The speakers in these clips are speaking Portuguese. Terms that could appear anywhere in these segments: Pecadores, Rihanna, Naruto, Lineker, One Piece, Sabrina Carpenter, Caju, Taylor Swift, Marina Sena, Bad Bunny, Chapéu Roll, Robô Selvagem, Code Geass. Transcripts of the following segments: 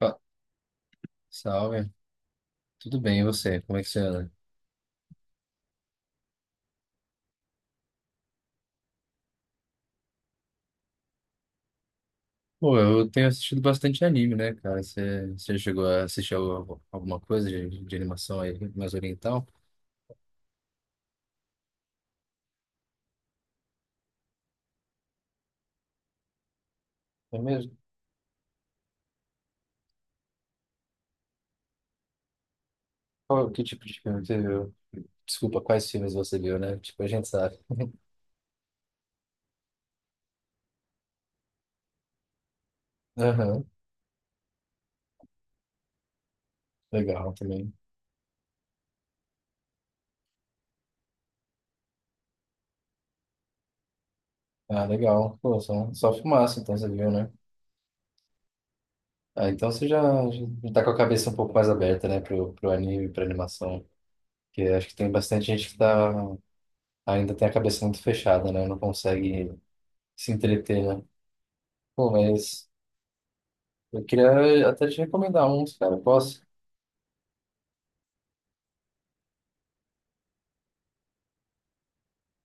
Opa, salve, tudo bem, e você? Como é que você anda? Pô, eu tenho assistido bastante anime, né, cara? Você chegou a assistir alguma coisa de animação aí mais oriental? É mesmo? Qual, que tipo de filme você viu? Desculpa, quais filmes você viu, né? Tipo, a gente sabe. Aham, legal também. Ah, legal. Pô, só fumaça, então você viu, né? Ah, então você já tá com a cabeça um pouco mais aberta, né, pro anime, pra animação. Porque acho que tem bastante gente que ainda tem a cabeça muito fechada, né? Não consegue se entreter, né? Pô, mas eu queria até te recomendar uns, cara. Posso?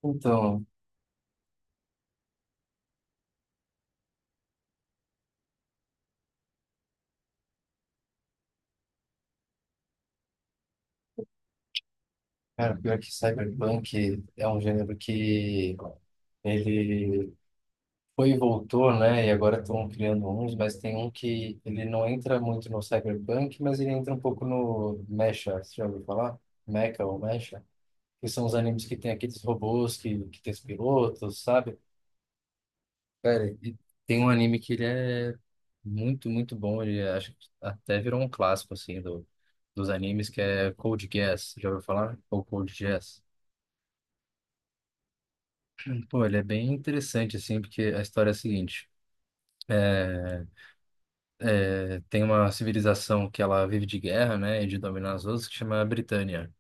Então, cara, pior que Cyberpunk é um gênero que ele foi e voltou, né? E agora estão criando uns, mas tem um que ele não entra muito no Cyberpunk, mas ele entra um pouco no Mecha, você já ouviu falar? Mecha ou Mecha? Que são os animes que tem aqueles robôs que tem os pilotos, sabe? Cara, e tem um anime que ele é muito, muito bom. Acho que até virou um clássico, assim, do, dos animes, que é Code Geass. Já ouviu falar? Ou Code Geass? Pô, ele é bem interessante, assim, porque a história é a seguinte. é, Tem uma civilização que ela vive de guerra, né, e de dominar as outras, que chama Britânia.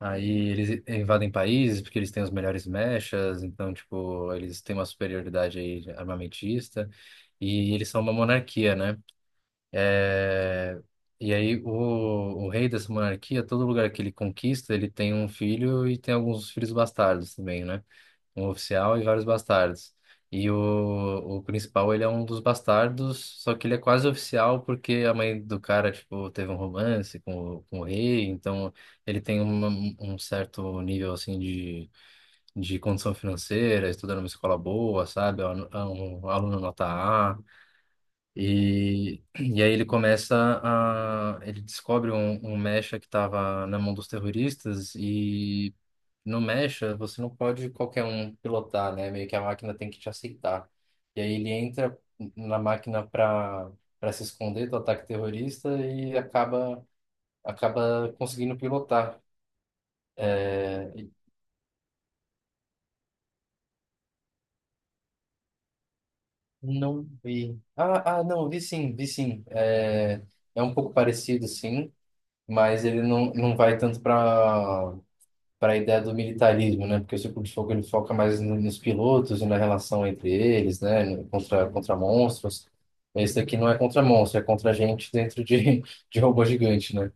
Aí eles invadem países porque eles têm os melhores mechas, então, tipo, eles têm uma superioridade aí armamentista. E eles são uma monarquia, né? É, E aí o rei dessa monarquia, todo lugar que ele conquista, ele tem um filho e tem alguns filhos bastardos também, né? Um oficial e vários bastardos. E o principal, ele é um dos bastardos, só que ele é quase oficial porque a mãe do cara, tipo, teve um romance com o rei, então ele tem um certo nível, assim, de condição financeira, estuda numa escola boa, sabe? É um aluno nota A. E aí ele começa a. Ele descobre um mecha que estava na mão dos terroristas, e no mecha você não pode qualquer um pilotar, né? Meio que a máquina tem que te aceitar. E aí ele entra na máquina para se esconder do ataque terrorista e acaba conseguindo pilotar. É, não vi. Não, vi sim, vi sim. É, é um pouco parecido, sim, mas ele não vai tanto para a ideia do militarismo, né? Porque o Círculo de Fogo ele foca mais nos pilotos e na relação entre eles, né? Contra monstros. Esse daqui não é contra monstro, é contra gente dentro de, de robô gigante, né?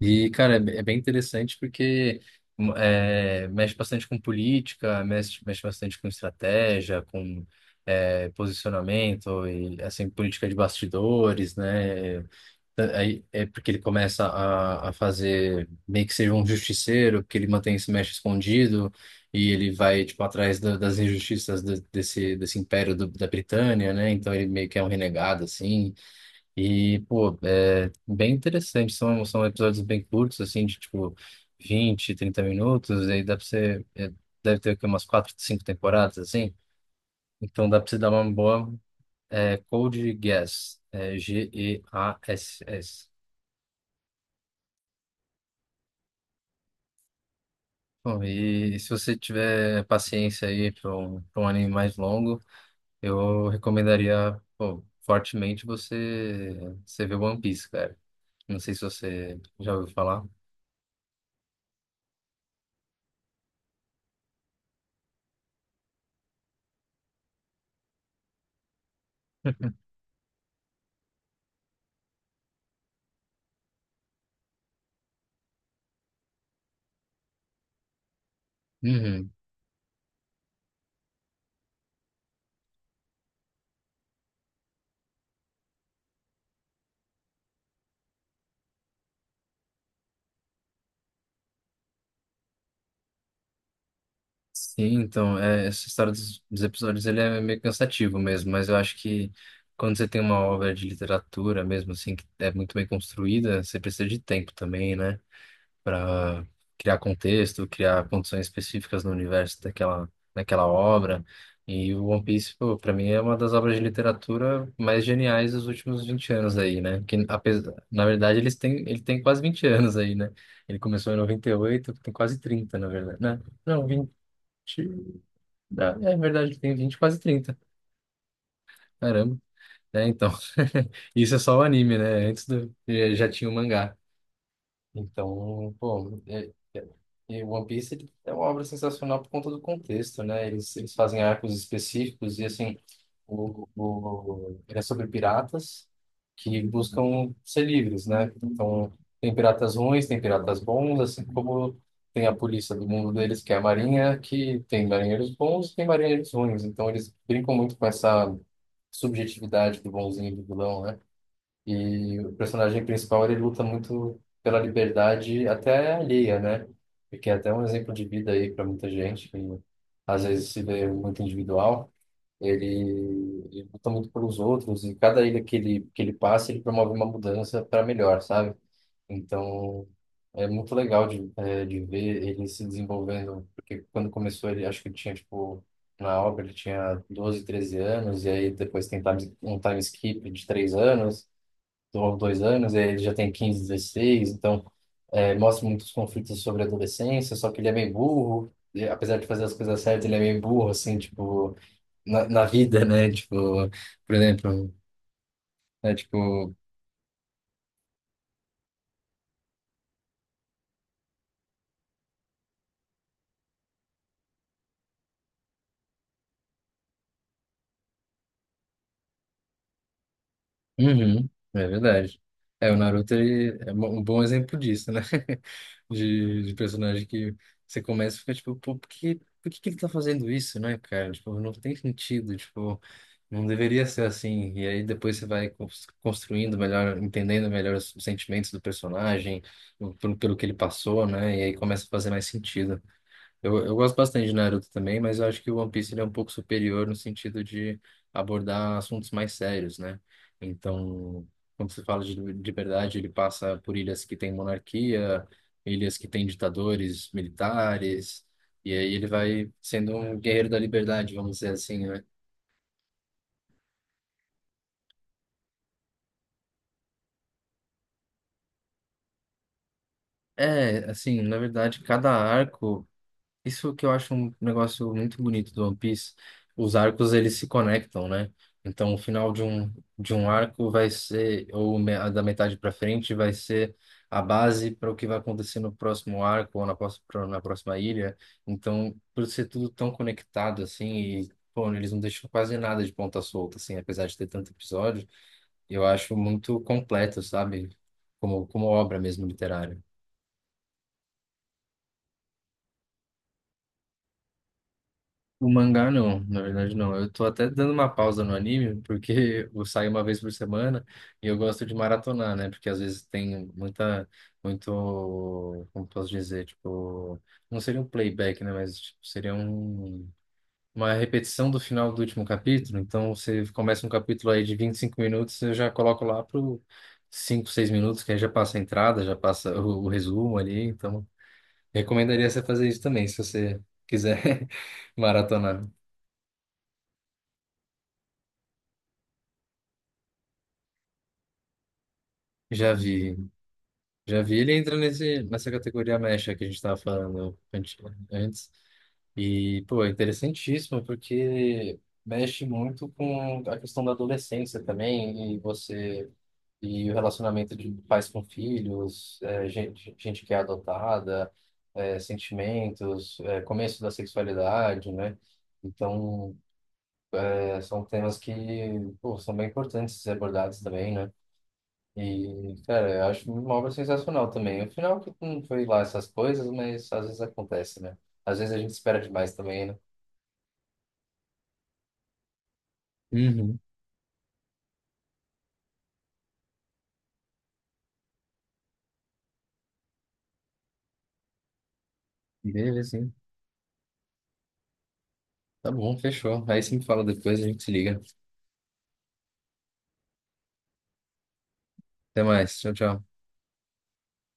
E, cara, é é bem interessante porque mexe bastante com política, mexe bastante com estratégia, com posicionamento e, assim, política de bastidores, né? Aí é porque ele começa a fazer meio que seja um justiceiro, porque ele mantém esse mestre escondido e ele vai tipo atrás das injustiças desse império da Britânia, né? Então ele meio que é um renegado assim. E pô, é bem interessante. São episódios bem curtos assim, de tipo 20 a 30 minutos. E aí dá pra você deve ter aqui umas quatro, cinco temporadas assim. Então dá pra você dar uma boa Code Geass, Geass. Bom, e se você tiver paciência aí pra um anime mais longo, eu recomendaria, pô, fortemente você, você ver One Piece, cara. Não sei se você já ouviu falar. Uhum. Sim, então, é, essa história dos episódios, ele é meio cansativo mesmo, mas eu acho que quando você tem uma obra de literatura mesmo, assim, que é muito bem construída, você precisa de tempo também, né? Para criar contexto, criar condições específicas no universo daquela obra. E o One Piece, pô, para mim é uma das obras de literatura mais geniais dos últimos 20 anos aí, né? Que apesar, na verdade ele tem quase 20 anos aí, né? Ele começou em 98, tem quase 30 na verdade, né? Não, 20, é verdade, ele tem 20 quase 30. Caramba. É, então, isso é só o anime, né? Antes do, já tinha o mangá. Então, pô, e One Piece ele é uma obra sensacional por conta do contexto, né? Eles fazem arcos específicos e, assim, ele é sobre piratas que buscam ser livres, né? Então, tem piratas ruins, tem piratas bons, assim como tem a polícia do mundo deles, que é a Marinha, que tem marinheiros bons e tem marinheiros ruins. Então, eles brincam muito com essa subjetividade do bonzinho e do vilão, né? E o personagem principal, ele luta muito pela liberdade até alheia, né? Porque é até um exemplo de vida aí para muita gente que às vezes se vê muito individual. Ele, ele luta muito pelos outros e cada ilha que ele passa, ele promove uma mudança para melhor, sabe? Então, é muito legal de ver ele se desenvolvendo, porque quando começou ele, acho que ele tinha, tipo, na obra ele tinha 12 a 13 anos, e aí depois tem um time skip de 3 anos, ou 2 anos, ele já tem 15 a 16 então mostra muitos conflitos sobre a adolescência, só que ele é meio burro, e, apesar de fazer as coisas certas, ele é meio burro, assim, tipo, na vida, né? Tipo, por exemplo, né? Tipo, uhum, é verdade. É, o Naruto ele é um bom exemplo disso, né? De personagem que você começa e fica tipo, pô, por que que ele tá fazendo isso, né, cara? Tipo, não tem sentido, tipo, não deveria ser assim. E aí depois você vai construindo melhor, entendendo melhor os sentimentos do personagem, pelo que ele passou, né? E aí começa a fazer mais sentido. Eu gosto bastante de Naruto também, mas eu acho que o One Piece ele é um pouco superior no sentido de abordar assuntos mais sérios, né? Então, quando se fala de liberdade, ele passa por ilhas que têm monarquia, ilhas que têm ditadores militares, e aí ele vai sendo um guerreiro da liberdade, vamos dizer assim, né? É, assim, na verdade, cada arco. Isso que eu acho um negócio muito bonito do One Piece, os arcos eles se conectam, né? Então o final de um arco vai ser ou da metade para frente vai ser a base para o que vai acontecer no próximo arco ou na próxima ilha. Então por ser tudo tão conectado assim e pô, eles não deixam quase nada de ponta solta assim, apesar de ter tanto episódio, eu acho muito completo, sabe? Como obra mesmo literária. O mangá não, na verdade não. Eu tô até dando uma pausa no anime, porque eu saio uma vez por semana e eu gosto de maratonar, né? Porque às vezes tem muita, muito, como posso dizer, tipo, não seria um playback, né? Mas tipo, seria um, uma repetição do final do último capítulo. Então você começa um capítulo aí de 25 minutos, eu já coloco lá pro 5, 6 minutos, que aí já passa a entrada, já passa o resumo ali. Então recomendaria você fazer isso também, se você quiser maratonar. Já vi, já vi. Ele entra nesse, nessa categoria mecha que a gente estava falando antes. antes. E, pô, é interessantíssimo, porque mexe muito com a questão da adolescência também, e você, e o relacionamento de pais com filhos, é, gente que é adotada, é, sentimentos, é, começo da sexualidade, né? Então, é, são temas que, pô, são bem importantes de ser abordados também, né? E, cara, eu acho uma obra sensacional também. O final que não foi lá essas coisas, mas às vezes acontece, né? Às vezes a gente espera demais também, né? Uhum. Beleza, sim. Tá bom, fechou. Aí você me fala depois, a gente se liga. Até mais. Tchau, tchau.